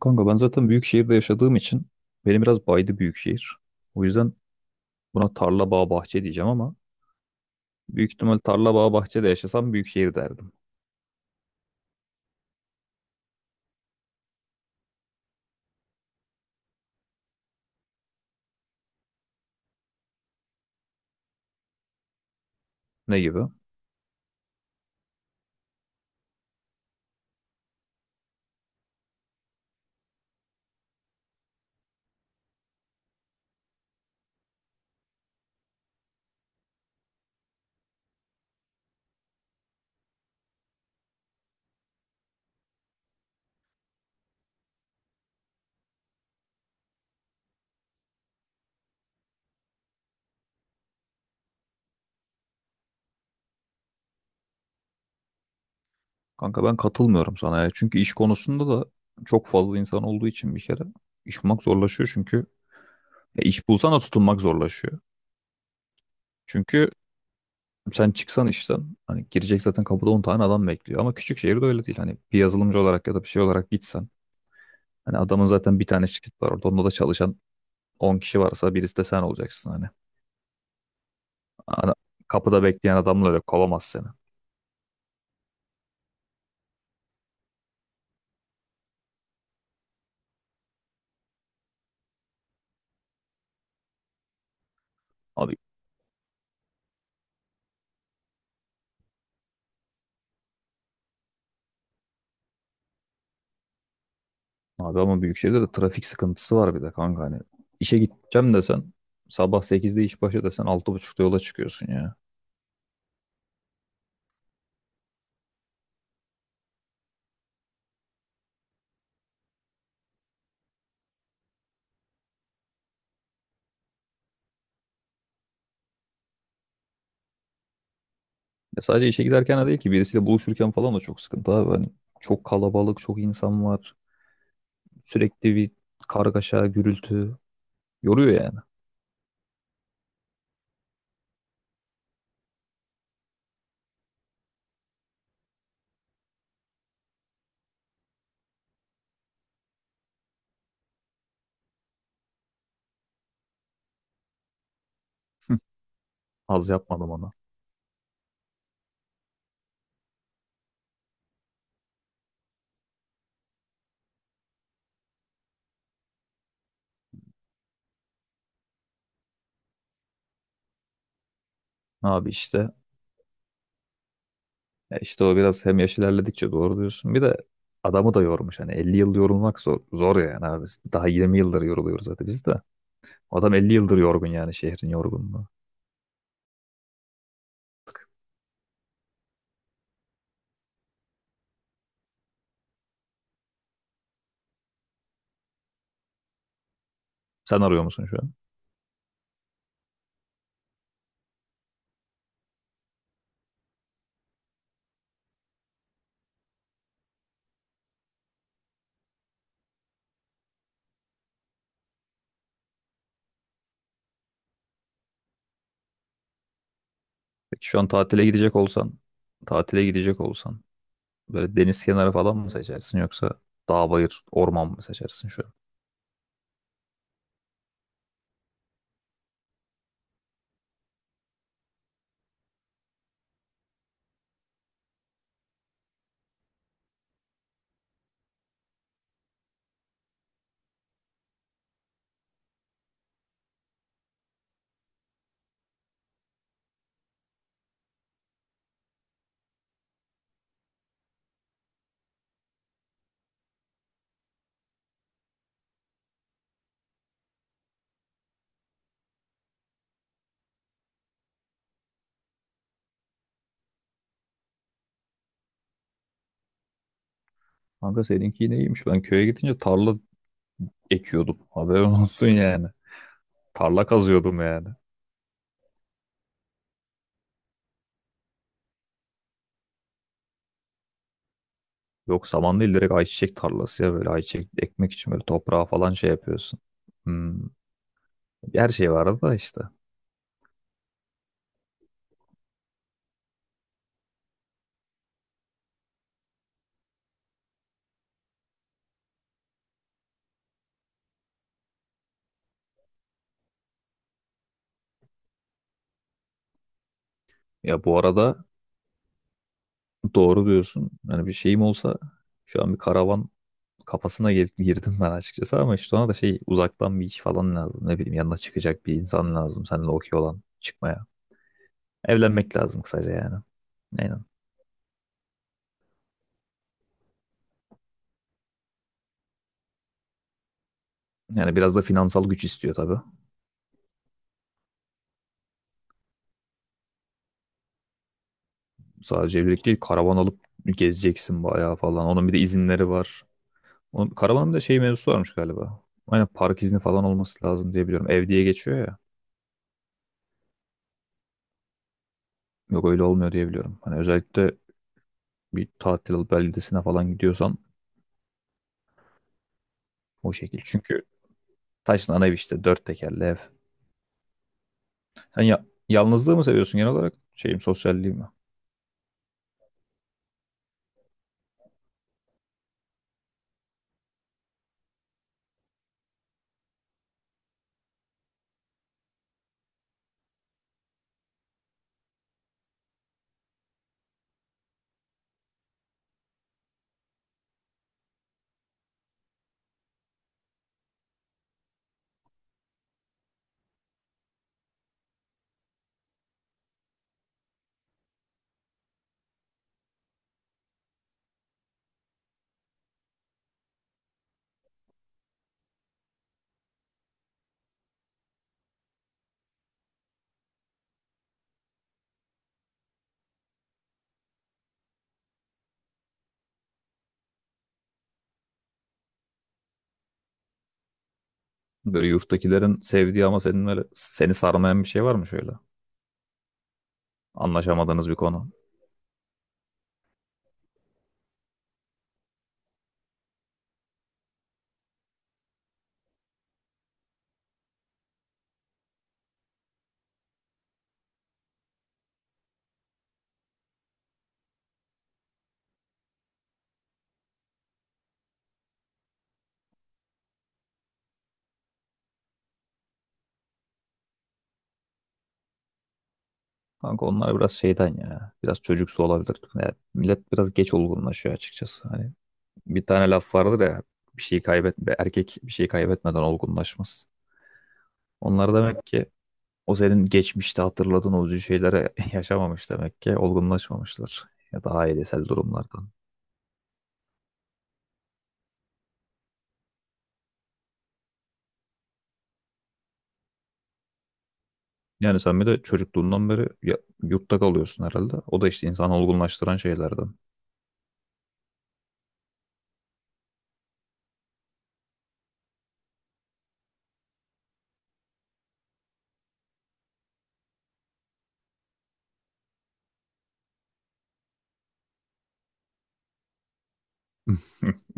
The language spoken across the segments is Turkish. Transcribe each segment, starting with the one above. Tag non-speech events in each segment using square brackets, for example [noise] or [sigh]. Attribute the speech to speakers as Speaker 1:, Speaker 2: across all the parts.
Speaker 1: Kanka ben zaten büyük şehirde yaşadığım için benim biraz baydı büyük şehir. O yüzden buna tarla bağ bahçe diyeceğim ama büyük ihtimal tarla bağ bahçede yaşasam büyük şehir derdim. Ne gibi? Kanka ben katılmıyorum sana ya. Çünkü iş konusunda da çok fazla insan olduğu için bir kere iş bulmak zorlaşıyor çünkü ya iş bulsan da tutunmak zorlaşıyor. Çünkü sen çıksan işten hani girecek zaten kapıda 10 tane adam bekliyor ama küçük şehirde öyle değil. Hani bir yazılımcı olarak ya da bir şey olarak gitsen hani adamın zaten bir tane şirket var orada onda da çalışan on kişi varsa birisi de sen olacaksın hani. Ana- Kapıda bekleyen adamla öyle kovamaz seni. Abi, abi, ama büyük şehirde de trafik sıkıntısı var bir de kanka hani. İşe gideceğim desen sabah sekizde iş başı desen altı buçukta yola çıkıyorsun ya. Ya sadece işe giderken de değil ki birisiyle buluşurken falan da çok sıkıntı abi. Hani çok kalabalık, çok insan var. Sürekli bir kargaşa, gürültü. Yoruyor yani. [laughs] Az yapmadım ona. Abi işte Ya işte o biraz hem yaş ilerledikçe doğru diyorsun. Bir de adamı da yormuş. Hani 50 yıl yorulmak zor, yani abi. Daha 20 yıldır yoruluyoruz zaten biz de. Adam 50 yıldır yorgun yani şehrin yorgunluğu. Sen arıyor musun şu an? Peki şu an tatile gidecek olsan, böyle deniz kenarı falan mı seçersin yoksa dağ bayır orman mı seçersin şu an? Kanka seninki yine iyiymiş. Ben köye gidince tarla ekiyordum. Haberin [laughs] olsun yani. Tarla kazıyordum yani. Yok saman değil direkt ayçiçek tarlası ya böyle ayçiçek ekmek için böyle toprağa falan şey yapıyorsun. Hmm. Her şey var da işte. Ya bu arada doğru diyorsun. Yani bir şeyim olsa şu an bir karavan kafasına girdim ben açıkçası ama işte ona da şey uzaktan bir iş falan lazım. Ne bileyim yanına çıkacak bir insan lazım. Seninle okey olan çıkmaya. Evlenmek lazım kısaca yani. Aynen. Yani biraz da finansal güç istiyor tabii. Sadece evlilik değil karavan alıp gezeceksin bayağı falan. Onun bir de izinleri var. Onun, karavanın bir de şey mevzusu varmış galiba. Aynen park izni falan olması lazım diye biliyorum. Ev diye geçiyor ya. Yok öyle olmuyor diye biliyorum. Hani özellikle bir tatil alıp beldesine falan gidiyorsan o şekil. Çünkü Taş'ın ana evi işte dört tekerli ev. Sen ya yalnızlığı mı seviyorsun genel olarak? Şeyim sosyalliği mi? Böyle yurttakilerin sevdiği ama senin böyle seni sarmayan bir şey var mı şöyle? Anlaşamadığınız bir konu. Kanka onlar biraz şeyden ya. Biraz çocuksu olabilir. Yani millet biraz geç olgunlaşıyor açıkçası. Hani bir tane laf vardır ya, bir şeyi kaybetme erkek bir şeyi kaybetmeden olgunlaşmaz. Onlar demek ki o senin geçmişte hatırladığın o üzücü şeyleri [laughs] yaşamamış demek ki olgunlaşmamışlar ya da ailesel durumlardan. Yani sen bir de çocukluğundan beri yurtta kalıyorsun herhalde. O da işte insanı olgunlaştıran şeylerden. [laughs]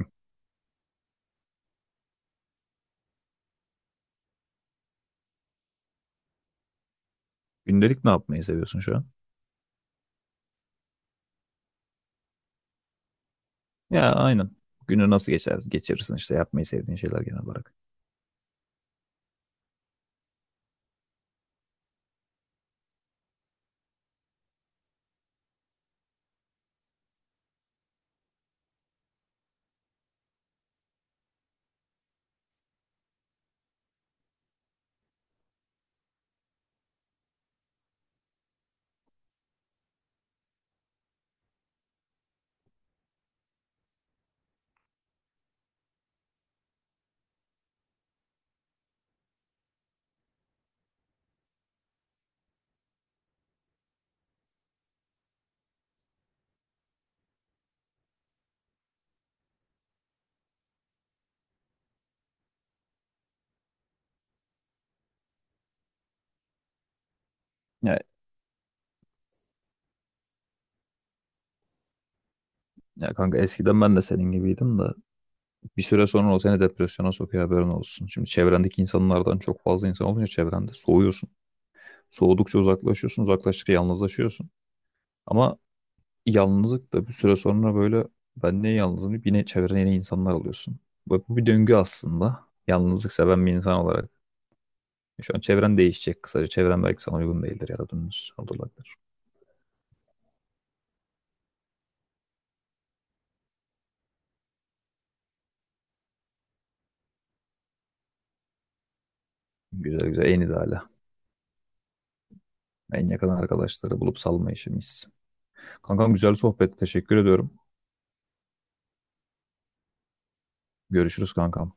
Speaker 1: Gündelik ne yapmayı seviyorsun şu an? Ya aynen. Günü nasıl geçirirsin işte yapmayı sevdiğin şeyler genel olarak. Ya, ya kanka eskiden ben de senin gibiydim de bir süre sonra o seni depresyona sokuyor haberin olsun. Şimdi çevrendeki insanlardan çok fazla insan olunca çevrende soğuyorsun. Soğudukça uzaklaşıyorsun, uzaklaştıkça yalnızlaşıyorsun. Ama yalnızlık da bir süre sonra böyle ben niye yalnızım deyip yine çevrene yeni insanlar alıyorsun. Ve bu bir döngü aslında. Yalnızlık seven bir insan olarak. Şu an çevren değişecek kısaca. Çevren belki sana uygun değildir ya da dümdüz olabilir. Güzel güzel, en ideali. En yakın arkadaşları bulup salma işimiz. Kankam güzel sohbet. Teşekkür ediyorum. Görüşürüz kankam.